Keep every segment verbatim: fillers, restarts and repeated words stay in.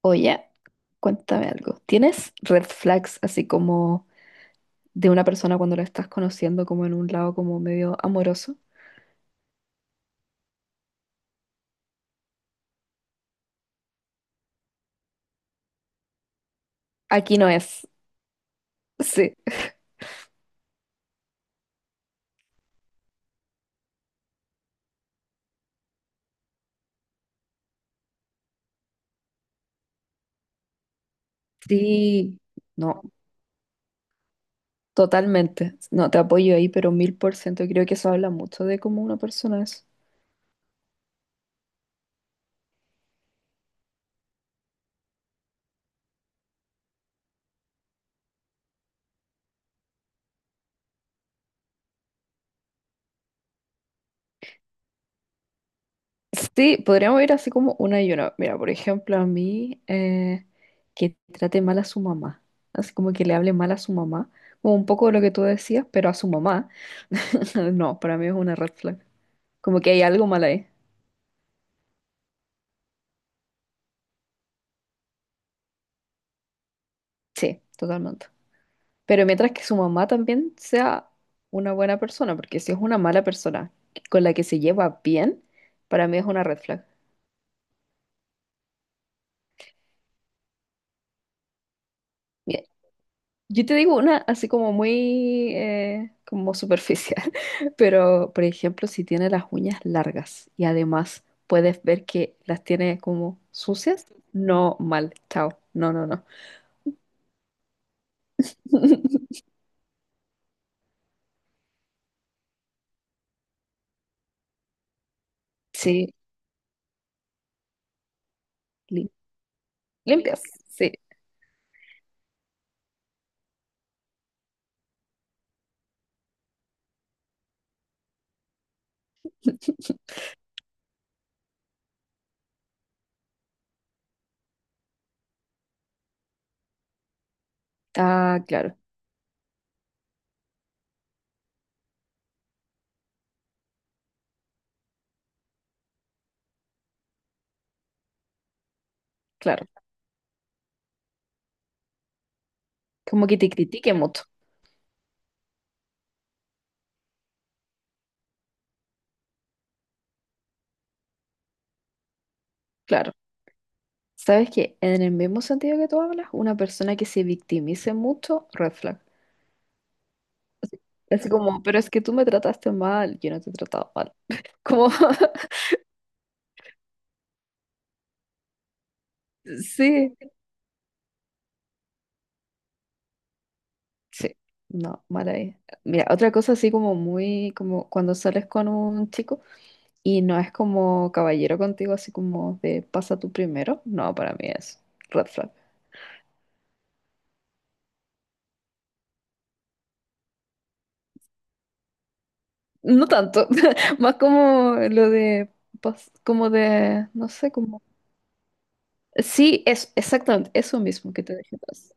Oye, cuéntame algo. ¿Tienes red flags así como de una persona cuando la estás conociendo como en un lado como medio amoroso? Aquí no es. Sí. Sí. No, totalmente. No, te apoyo ahí, pero mil por ciento. Creo que eso habla mucho de cómo una persona es. Sí, podríamos ir así como una y una. Mira, por ejemplo, a mí eh, que trate mal a su mamá. Así como que le hable mal a su mamá. Como un poco de lo que tú decías, pero a su mamá. No, para mí es una red flag. Como que hay algo mal ahí. Sí, totalmente. Pero mientras que su mamá también sea una buena persona, porque si es una mala persona con la que se lleva bien, para mí es una red flag. Mira, yo te digo una así como muy eh, como superficial, pero por ejemplo, si tiene las uñas largas y además puedes ver que las tiene como sucias, no mal, chao, no, no, no. Sí, lim- limpias, sí. Ah, claro, claro. Como que te critique mucho, claro. Sabes que en el mismo sentido que tú hablas, una persona que se victimice mucho, red flag. Así, así como, pero es que tú me trataste mal, yo no te he tratado mal. Como, sí, sí, no, mal ahí. Mira, otra cosa así como muy, como cuando sales con un chico y no es como caballero contigo, así como de pasa tú primero, no, para mí es red flag. No tanto, más como lo de, pas- como de, no sé, como... Sí, es exactamente eso mismo que te dije atrás.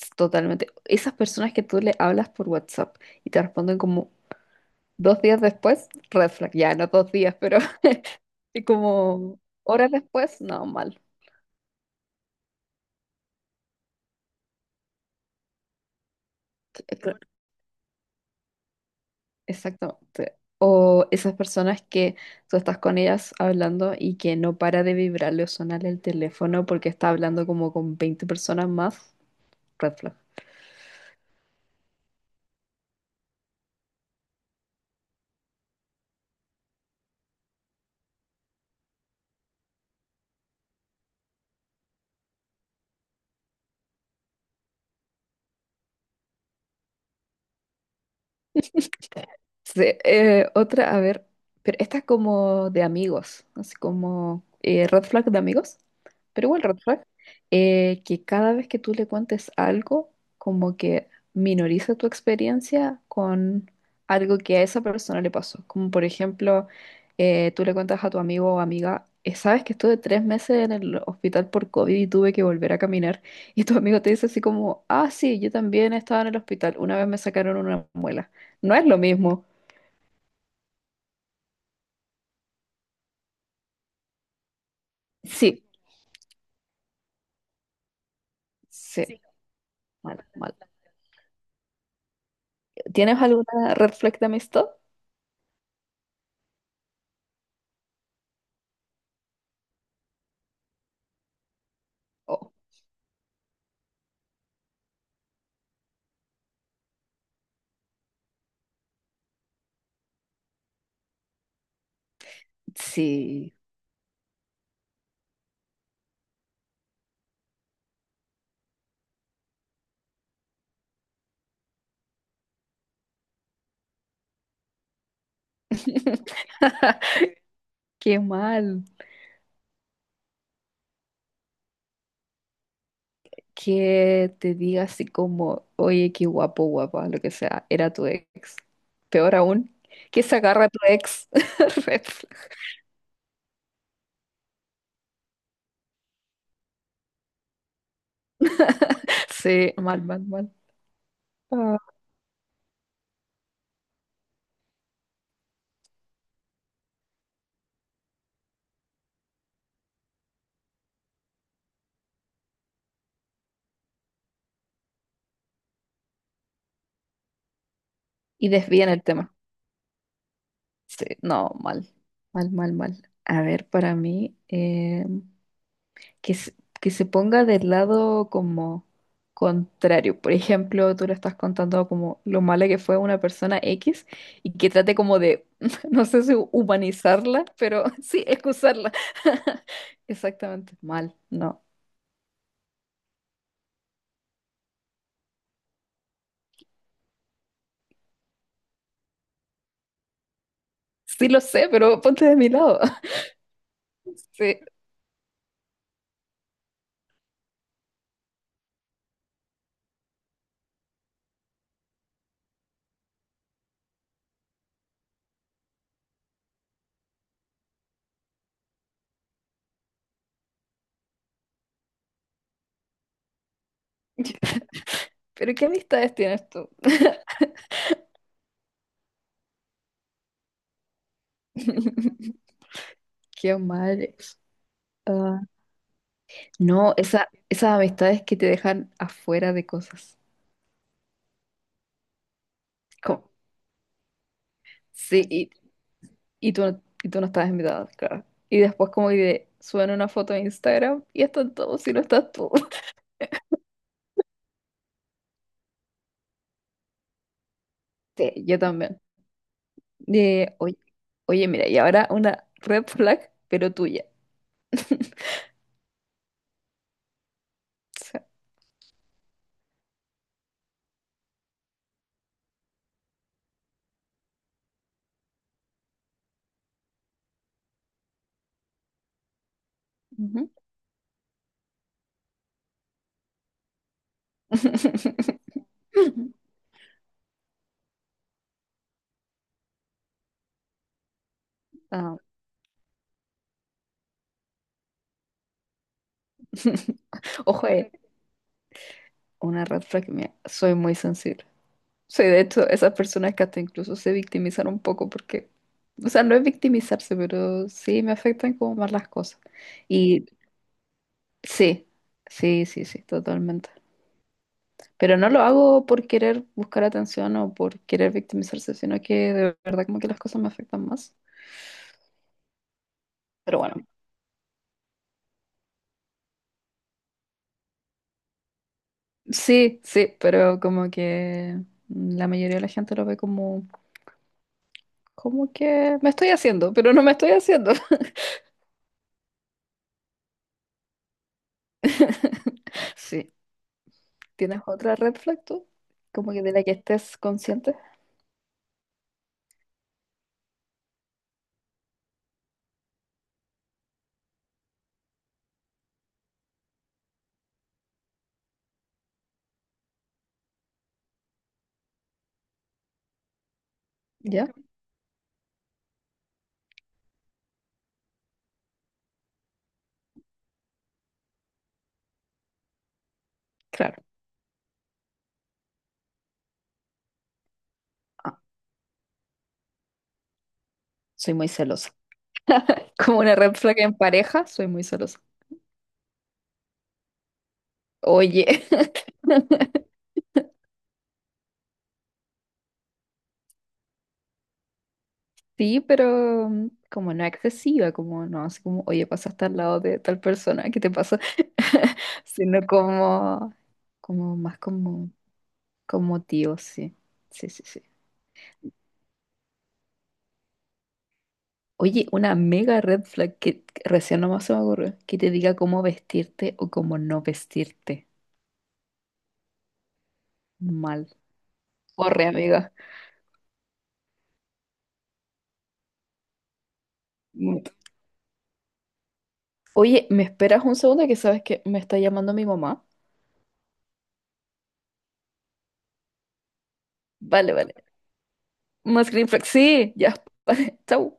Es totalmente. Esas personas que tú le hablas por WhatsApp y te responden como dos días después, red flag, ya no dos días, pero y como horas después, no, mal. Eh, cl- Exactamente. O esas personas que tú estás con ellas hablando y que no para de vibrarle o sonarle el teléfono porque está hablando como con veinte personas más, red flag. Sí, eh, otra, a ver, pero esta es como de amigos, así como eh, red flag de amigos, pero igual red flag, eh, que cada vez que tú le cuentes algo, como que minoriza tu experiencia con algo que a esa persona le pasó. Como por ejemplo, eh, tú le cuentas a tu amigo o amiga, eh, sabes que estuve tres meses en el hospital por COVID y tuve que volver a caminar, y tu amigo te dice así como, ah, sí, yo también estaba en el hospital, una vez me sacaron una muela. No es lo mismo. Sí, sí. Sí. Mal, mal. ¿Tienes alguna red flag de amistad? Oh, sí. Qué mal. Que te diga así como, oye, qué guapo, guapa, lo que sea, era tu ex. Peor aún, que se agarra a tu ex. Red flag. Sí, mal, mal, mal. Ah. Y desvían el tema. Sí, no, mal. Mal, mal, mal. A ver, para mí, eh, que, se- que se ponga del lado como contrario. Por ejemplo, tú le estás contando como lo mala que fue una persona X y que trate como de, no sé si humanizarla, pero sí, excusarla. Exactamente, mal, no. Sí lo sé, pero ponte de mi lado. Sí. ¿Pero qué amistades tienes tú? Qué mal. Ah, no, esa, esas amistades que te dejan afuera de cosas. Como- sí, y tú, no- y tú no estabas invitada, claro. Y después como que suben una foto de Instagram y están todos y no estás tú. Sí, yo también. Eh, oye, oye, mira, y ahora una red flag, pero tuya. O sea, ujú. Ah, ojo, eh, una red flag mía. Soy muy sensible. Soy de hecho esas personas que hasta incluso se victimizan un poco porque, o sea, no es victimizarse, pero sí me afectan como más las cosas. Y sí, sí, sí, sí, totalmente. Pero no lo hago por querer buscar atención o por querer victimizarse, sino que de verdad como que las cosas me afectan más. Pero bueno, sí, sí, pero como que la mayoría de la gente lo ve como, como que me estoy haciendo, pero no me estoy haciendo. Sí. ¿Tienes otra red flag tú? Como que de la que estés consciente. ¿Ya? Claro. Ah, soy muy celosa. Como una red flag en pareja, soy muy celosa. Oye. Sí, pero mm, como no excesiva, como no, así como, oye, pasaste al lado de tal persona, ¿qué te pasa? Sino como, como más como, como tío, sí. Sí, sí, sí. Oye, una mega red flag que que recién nomás se me ocurrió, que te diga cómo vestirte o cómo no vestirte. Mal. Corre, amiga. Mm. Oye, ¿me esperas un segundo que sabes que me está llamando mi mamá? Vale, vale. Más green flag. Sí, ya. Vale, chau.